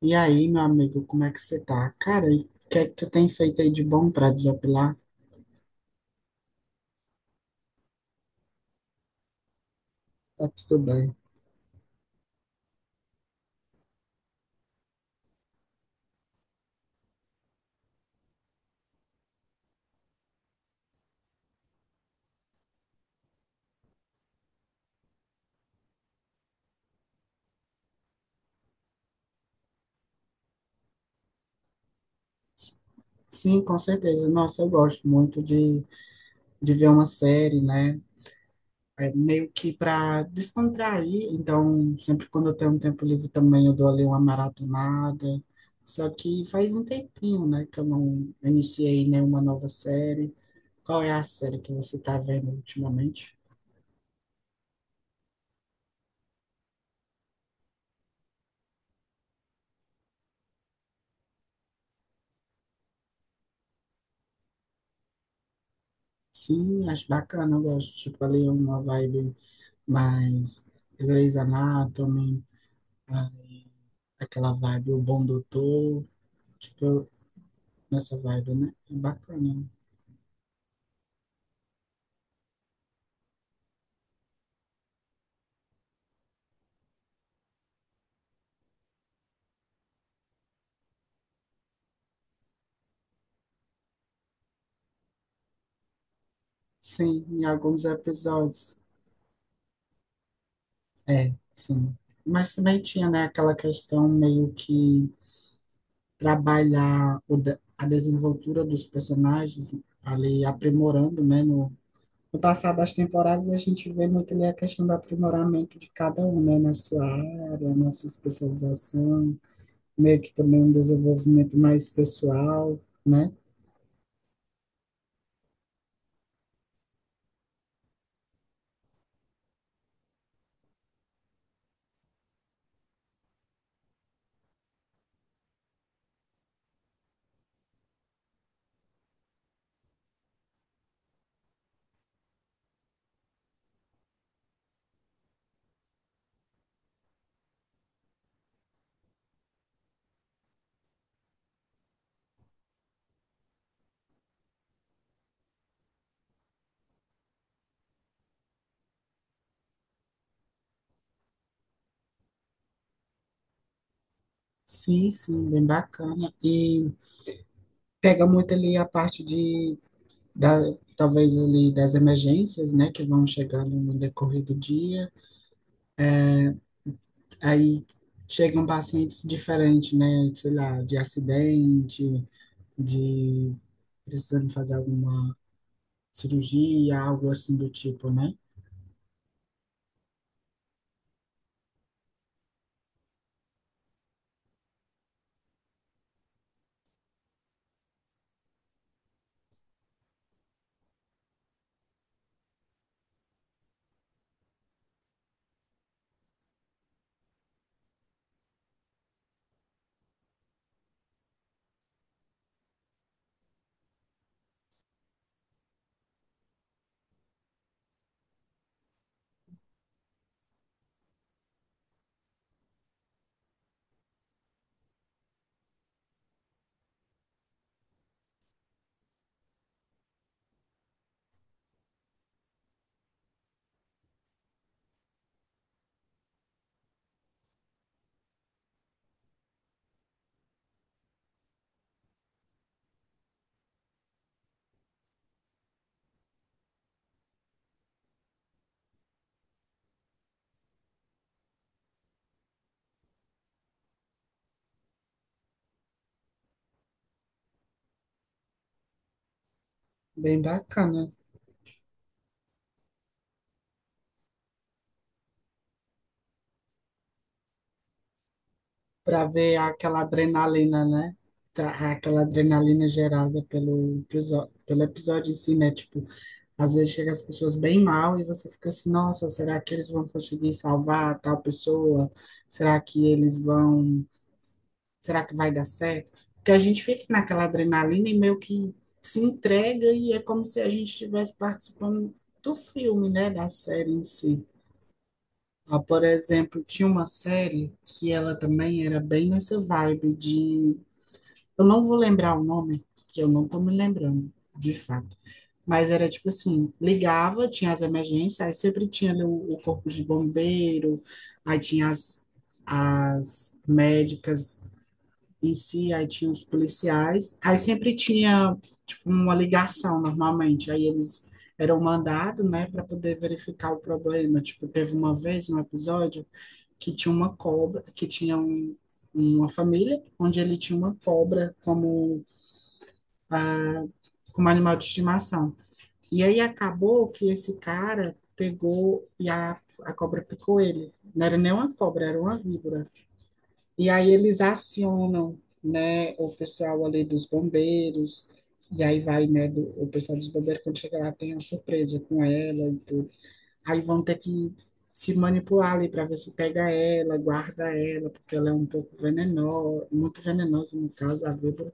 E aí, meu amigo, como é que você tá? Cara, e o que é que tu tem feito aí de bom pra desapilar? Tá tudo bem. S- Sim, com certeza. Nossa, eu gosto muito de ver uma série, né? É meio que pra descontrair. Então, sempre quando eu tenho um tempo livre também, eu dou ali uma maratonada. Só que faz um tempinho, né, que eu não iniciei nenhuma nova série. Qual é a série que você tá vendo ultimamente? Sim, acho bacana, eu gosto. Tipo, ali uma vibe. Mas Grey's Anatomy, a- aquela vibe, o Bom Doutor, tipo, nessa vibe, né? É bacana. Sim, em alguns episódios. É, sim. Mas também tinha, né, aquela questão meio que trabalhar a desenvoltura dos personagens ali aprimorando, né, no passar das temporadas a gente vê muito ali a questão do aprimoramento de cada um, né, na sua área, na sua especialização. Meio que também um desenvolvimento mais pessoal, né? Sim, sim, bem bacana. E pega muito ali a parte da, talvez ali das emergências, né, que vão chegando no decorrer do dia. Aí chegam pacientes diferentes, né, sei lá, de acidente, de precisando fazer alguma cirurgia, algo assim do tipo, né? Bem bacana. Para ver aquela adrenalina, né? Aquela adrenalina gerada pelo episódio em si, né? Tipo, às vezes chega as pessoas bem mal e você fica assim, nossa, será que eles vão conseguir salvar tal pessoa? Será que eles vão? Será que vai dar certo? Porque a gente fica naquela adrenalina e meio que se entrega e é como se a gente estivesse participando do filme, né? Da série em si. Ah, por exemplo, tinha uma série que ela também era bem nessa vibe de eu não vou lembrar o nome, porque eu não tô me lembrando, de fato. Mas era tipo assim, ligava, tinha as emergências, aí sempre tinha ali o corpo de bombeiro, aí tinha as médicas em si, aí tinha os policiais, aí sempre tinha tipo uma ligação normalmente, aí eles eram mandados, né, para poder verificar o problema. Tipo, teve uma vez, um episódio, que tinha uma cobra, que tinha uma família onde ele tinha uma cobra ah, como animal de estimação. E aí acabou que esse cara pegou e a cobra picou ele. Não era nem uma cobra, era uma víbora. E aí eles acionam, né, o pessoal ali dos bombeiros. E aí vai, né, o pessoal dos bombeiros, quando chega lá, tem uma surpresa com ela e tudo. Aí vão ter que se manipular ali para ver se pega ela, guarda ela, porque ela é um pouco venenosa, muito venenosa no caso, a víbora.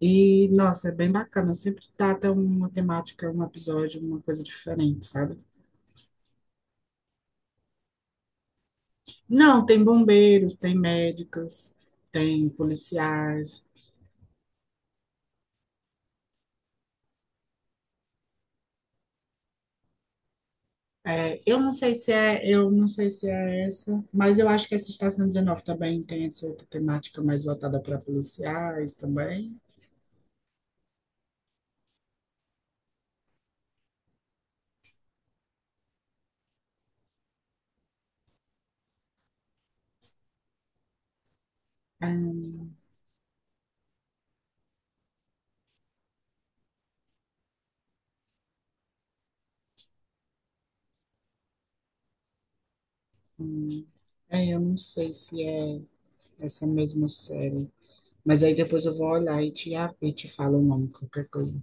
E, nossa, é bem bacana. Sempre trata uma temática, um episódio, uma coisa diferente, sabe? Não, tem bombeiros, tem médicos, tem policiais. É, eu não sei se é essa, mas eu acho que essa Estação 19 também tem essa outra temática mais voltada para policiais também. Ah, hum, é, eu não sei se é essa mesma série. Mas aí depois eu vou olhar e te falo o nome, qualquer coisa.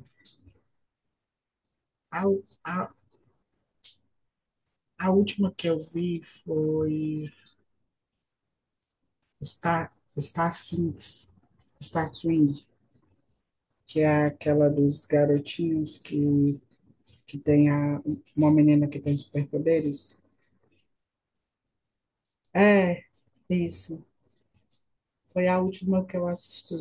Au- au- A última que eu vi foi Star, Star Things, Star Swing, que é aquela dos garotinhos que tem uma menina que tem superpoderes. É, isso. Foi a última que eu assisti.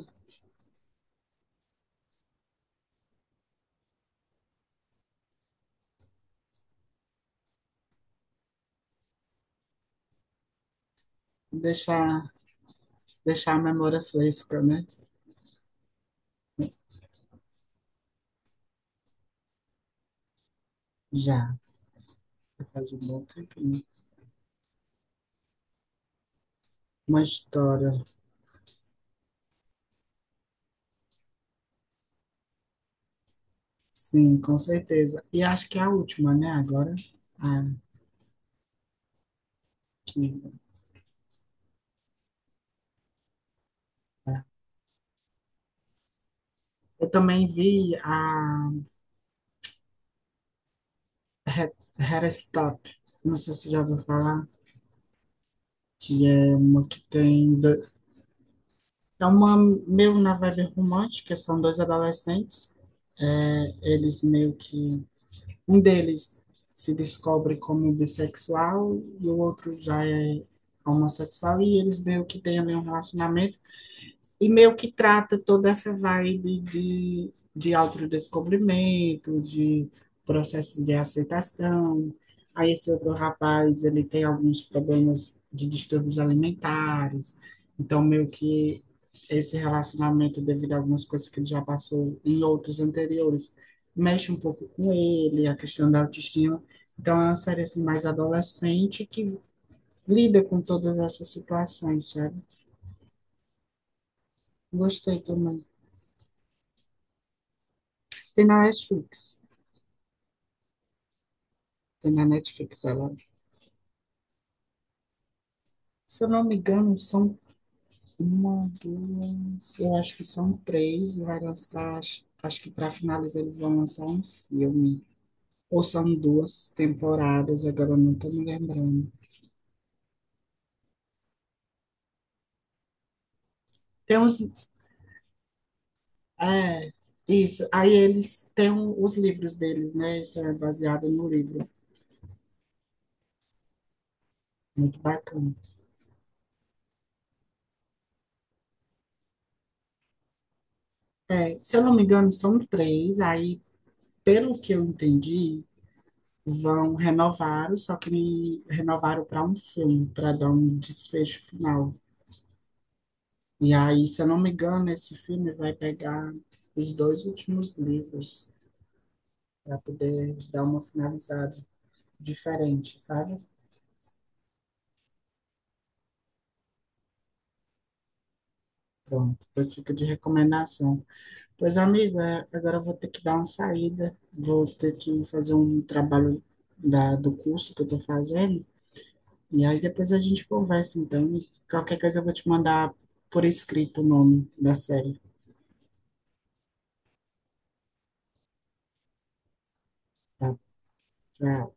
Deixar, deixar a memória fresca, né? Já, faz um bom tempinho. Uma história, sim, com certeza. E acho que é a última, né? Agora, a que. É. Eu também vi a Head, Head Stop, não sei se você já ouviu falar, que é uma que tem. É uma meio na vibe romântica, são dois adolescentes. É, eles meio que. Um deles se descobre como bissexual e o outro já é homossexual, e eles meio que têm ali um relacionamento. E meio que trata toda essa vibe de autodescobrimento, de processo de aceitação. Aí esse outro rapaz, ele tem alguns problemas de distúrbios alimentares, então meio que esse relacionamento, devido a algumas coisas que ele já passou em outros anteriores, mexe um pouco com ele, a questão da autoestima. Então é uma série assim, mais adolescente que lida com todas essas situações, sabe? Gostei também. Tem na Netflix. Tem na Netflix, ela. Se eu não me engano, são uma, duas, eu acho que são três. E vai lançar, acho que para finalizar eles vão lançar um filme. Ou são duas temporadas, agora eu não estou me lembrando. Tem uns, é, isso. Aí eles têm os livros deles, né? Isso é baseado no livro. Muito bacana. É, se eu não me engano, são três. Aí, pelo que eu entendi, vão renovaram, só que me renovaram para um filme, para dar um desfecho final. E aí, se eu não me engano, esse filme vai pegar os dois últimos livros para poder dar uma finalizada diferente, sabe? Pronto, pois fica de recomendação. Pois, amigo, agora eu vou ter que dar uma saída, vou ter que fazer um trabalho da, do curso que eu estou fazendo, e aí depois a gente conversa, então, e qualquer coisa eu vou te mandar por escrito o nome da série. Tá, tchau.